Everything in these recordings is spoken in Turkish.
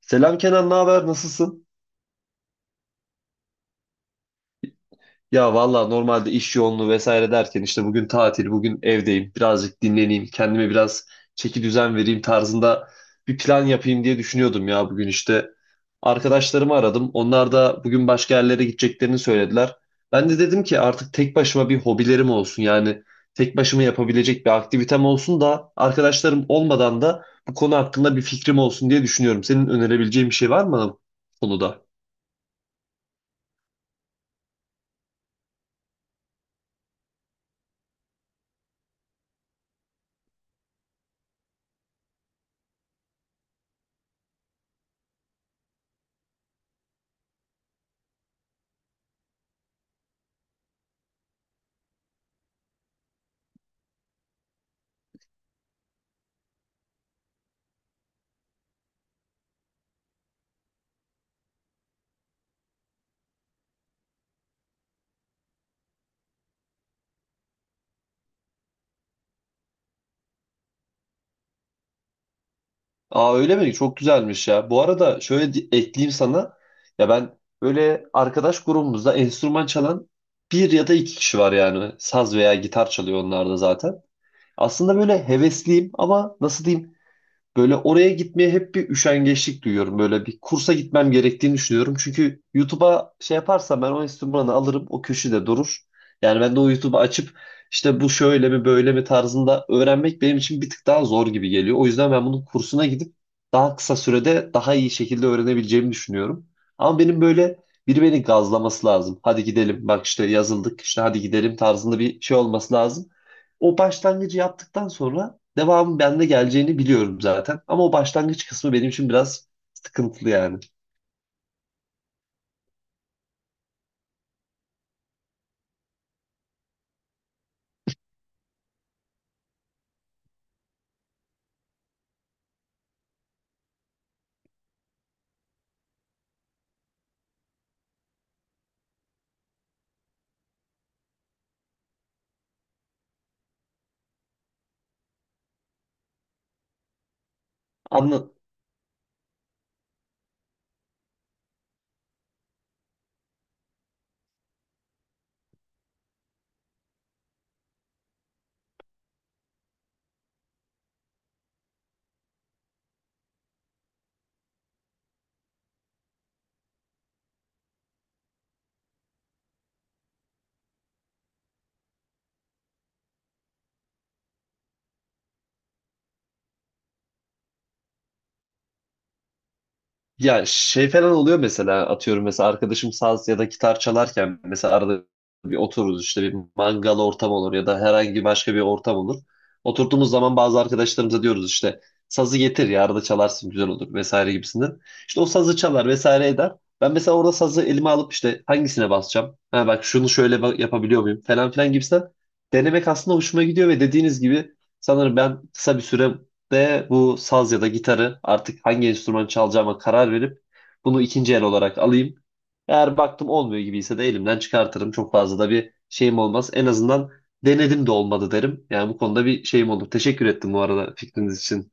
Selam Kenan, ne haber? Nasılsın? Ya valla normalde iş yoğunluğu vesaire derken işte bugün tatil, bugün evdeyim. Birazcık dinleneyim, kendime biraz çeki düzen vereyim tarzında bir plan yapayım diye düşünüyordum ya bugün işte. Arkadaşlarımı aradım. Onlar da bugün başka yerlere gideceklerini söylediler. Ben de dedim ki artık tek başıma bir hobilerim olsun. Yani tek başıma yapabilecek bir aktivitem olsun da arkadaşlarım olmadan da bu konu hakkında bir fikrim olsun diye düşünüyorum. Senin önerebileceğin bir şey var mı bana bu konuda? Aa öyle mi? Çok güzelmiş ya. Bu arada şöyle ekleyeyim sana. Ya ben böyle arkadaş grubumuzda enstrüman çalan bir ya da iki kişi var yani. Saz veya gitar çalıyor onlar da zaten. Aslında böyle hevesliyim ama nasıl diyeyim? Böyle oraya gitmeye hep bir üşengeçlik duyuyorum. Böyle bir kursa gitmem gerektiğini düşünüyorum. Çünkü YouTube'a şey yaparsam ben o enstrümanı alırım, o köşede durur. Yani ben de o YouTube'u açıp işte bu şöyle mi böyle mi tarzında öğrenmek benim için bir tık daha zor gibi geliyor. O yüzden ben bunun kursuna gidip daha kısa sürede daha iyi şekilde öğrenebileceğimi düşünüyorum. Ama benim böyle biri beni gazlaması lazım. Hadi gidelim. Bak işte yazıldık. İşte hadi gidelim tarzında bir şey olması lazım. O başlangıcı yaptıktan sonra devamın bende geleceğini biliyorum zaten. Ama o başlangıç kısmı benim için biraz sıkıntılı yani. Anla, Ya şey falan oluyor mesela atıyorum mesela arkadaşım saz ya da gitar çalarken mesela arada bir otururuz işte bir mangal ortam olur ya da herhangi başka bir ortam olur. Oturduğumuz zaman bazı arkadaşlarımıza diyoruz işte sazı getir ya arada çalarsın güzel olur vesaire gibisinden. İşte o sazı çalar vesaire eder. Ben mesela orada sazı elime alıp işte hangisine basacağım? Ha bak şunu şöyle yapabiliyor muyum falan filan gibisinden denemek aslında hoşuma gidiyor ve dediğiniz gibi sanırım ben kısa bir süre de bu saz ya da gitarı artık hangi enstrüman çalacağıma karar verip bunu ikinci el olarak alayım. Eğer baktım olmuyor gibiyse de elimden çıkartırım. Çok fazla da bir şeyim olmaz. En azından denedim de olmadı derim. Yani bu konuda bir şeyim olur. Teşekkür ettim bu arada fikriniz için.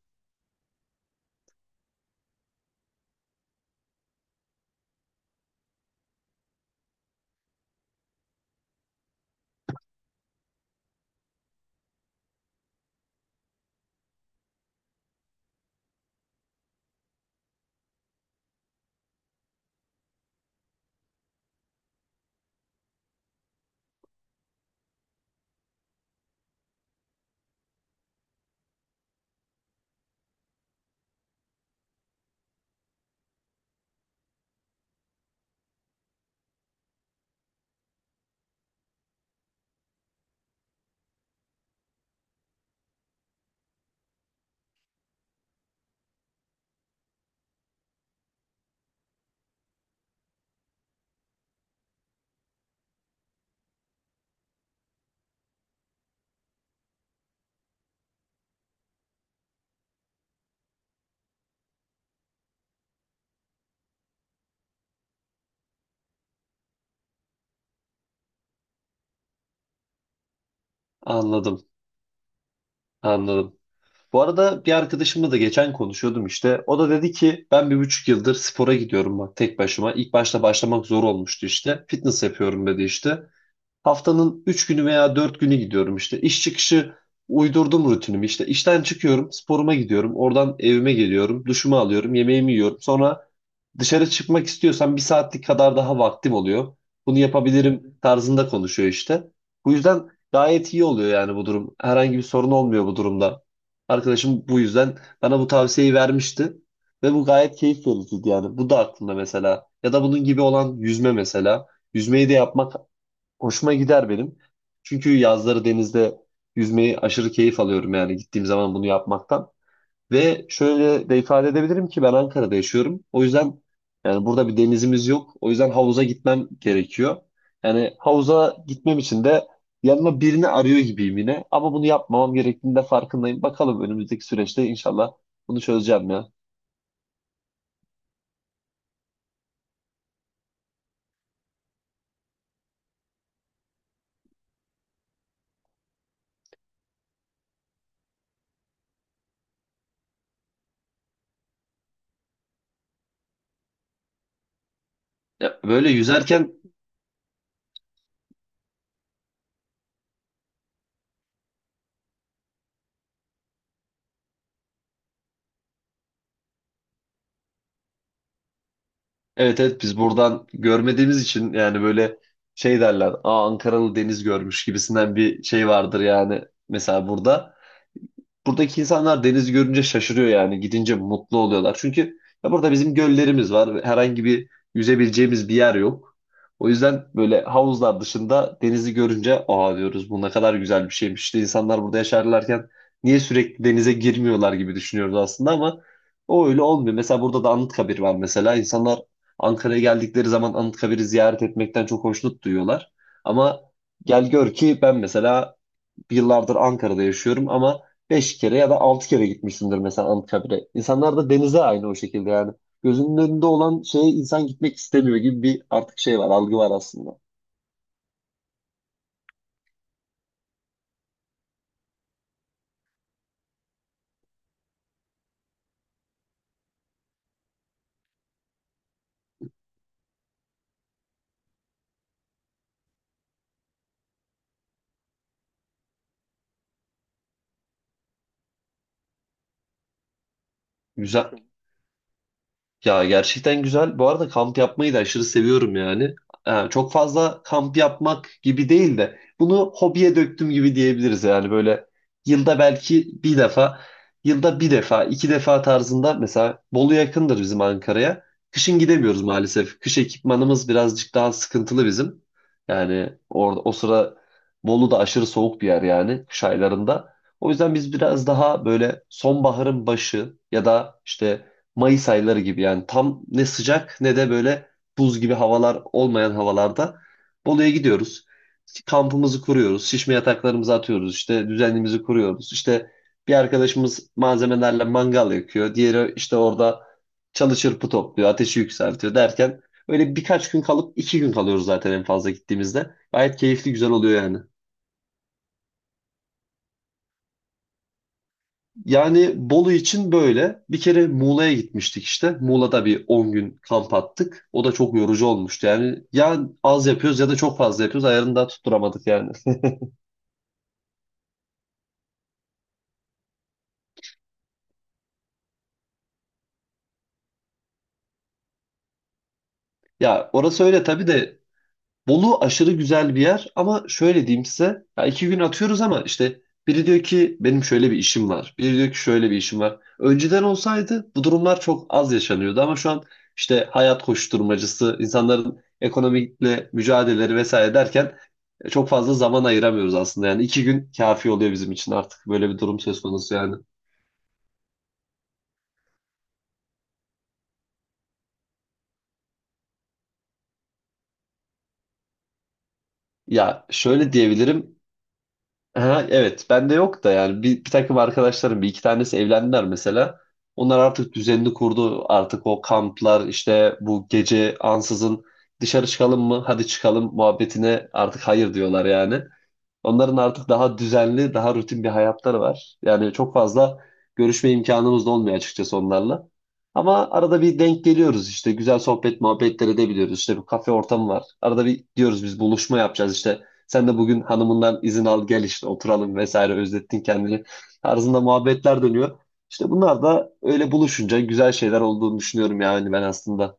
Anladım, anladım. Bu arada bir arkadaşımla da geçen konuşuyordum işte. O da dedi ki ben 1,5 yıldır spora gidiyorum bak tek başıma. İlk başta başlamak zor olmuştu işte. Fitness yapıyorum dedi işte. Haftanın 3 günü veya 4 günü gidiyorum işte. İş çıkışı uydurdum rutinimi işte. İşten çıkıyorum, sporuma gidiyorum. Oradan evime geliyorum, duşumu alıyorum, yemeğimi yiyorum. Sonra dışarı çıkmak istiyorsam bir saatlik kadar daha vaktim oluyor. Bunu yapabilirim tarzında konuşuyor işte. Bu yüzden gayet iyi oluyor yani bu durum. Herhangi bir sorun olmuyor bu durumda. Arkadaşım bu yüzden bana bu tavsiyeyi vermişti. Ve bu gayet keyif vericiydi yani. Bu da aklımda mesela. Ya da bunun gibi olan yüzme mesela. Yüzmeyi de yapmak hoşuma gider benim. Çünkü yazları denizde yüzmeyi aşırı keyif alıyorum yani gittiğim zaman bunu yapmaktan. Ve şöyle de ifade edebilirim ki ben Ankara'da yaşıyorum. O yüzden yani burada bir denizimiz yok. O yüzden havuza gitmem gerekiyor. Yani havuza gitmem için de yanıma birini arıyor gibiyim yine. Ama bunu yapmamam gerektiğinde farkındayım. Bakalım önümüzdeki süreçte inşallah bunu çözeceğim ya. Ya böyle yüzerken. Evet, evet biz buradan görmediğimiz için yani böyle şey derler. Aa Ankaralı deniz görmüş gibisinden bir şey vardır yani mesela burada buradaki insanlar denizi görünce şaşırıyor yani. Gidince mutlu oluyorlar. Çünkü ya burada bizim göllerimiz var. Ve Herhangi bir yüzebileceğimiz bir yer yok. O yüzden böyle havuzlar dışında denizi görünce aa diyoruz bu ne kadar güzel bir şeymiş. İşte insanlar burada yaşarlarken niye sürekli denize girmiyorlar gibi düşünüyoruz aslında ama o öyle olmuyor. Mesela burada da Anıtkabir var mesela. İnsanlar Ankara'ya geldikleri zaman Anıtkabir'i ziyaret etmekten çok hoşnut duyuyorlar. Ama gel gör ki ben mesela bir yıllardır Ankara'da yaşıyorum ama 5 kere ya da 6 kere gitmişsindir mesela Anıtkabir'e. İnsanlar da denize aynı o şekilde yani. Gözünün önünde olan şeye insan gitmek istemiyor gibi bir artık şey var, algı var aslında. Güzel. Ya gerçekten güzel. Bu arada kamp yapmayı da aşırı seviyorum yani. Çok fazla kamp yapmak gibi değil de bunu hobiye döktüm gibi diyebiliriz yani böyle yılda belki bir defa, yılda bir defa, iki defa tarzında mesela Bolu yakındır bizim Ankara'ya. Kışın gidemiyoruz maalesef. Kış ekipmanımız birazcık daha sıkıntılı bizim. Yani orada o sıra Bolu da aşırı soğuk bir yer yani kış aylarında. O yüzden biz biraz daha böyle sonbaharın başı ya da işte Mayıs ayları gibi yani tam ne sıcak ne de böyle buz gibi havalar olmayan havalarda Bolu'ya gidiyoruz. Kampımızı kuruyoruz, şişme yataklarımızı atıyoruz, işte düzenimizi kuruyoruz. İşte bir arkadaşımız malzemelerle mangal yakıyor, diğeri işte orada çalı çırpı topluyor, ateşi yükseltiyor derken öyle birkaç gün kalıp 2 gün kalıyoruz zaten en fazla gittiğimizde. Gayet keyifli güzel oluyor yani. Yani Bolu için böyle. Bir kere Muğla'ya gitmiştik işte. Muğla'da bir 10 gün kamp attık. O da çok yorucu olmuştu. Yani ya az yapıyoruz ya da çok fazla yapıyoruz. Ayarını da tutturamadık yani. Ya orası öyle tabii de Bolu aşırı güzel bir yer ama şöyle diyeyim size. Ya 2 gün atıyoruz ama işte biri diyor ki benim şöyle bir işim var. Biri diyor ki şöyle bir işim var. Önceden olsaydı bu durumlar çok az yaşanıyordu ama şu an işte hayat koşturmacısı, insanların ekonomikle mücadeleleri vesaire derken çok fazla zaman ayıramıyoruz aslında. Yani 2 gün kafi oluyor bizim için artık böyle bir durum söz konusu yani. Ya şöyle diyebilirim. Ha, evet bende yok da yani bir takım arkadaşlarım bir iki tanesi evlendiler mesela. Onlar artık düzenini kurdu. Artık o kamplar işte bu gece ansızın dışarı çıkalım mı? Hadi çıkalım muhabbetine artık hayır diyorlar yani. Onların artık daha düzenli, daha rutin bir hayatları var. Yani çok fazla görüşme imkanımız da olmuyor açıkçası onlarla. Ama arada bir denk geliyoruz işte güzel sohbet muhabbetler edebiliyoruz. İşte bir kafe ortamı var. Arada bir diyoruz biz buluşma yapacağız işte. Sen de bugün hanımından izin al gel işte oturalım vesaire özlettin kendini tarzında muhabbetler dönüyor. İşte bunlar da öyle buluşunca güzel şeyler olduğunu düşünüyorum yani ben aslında.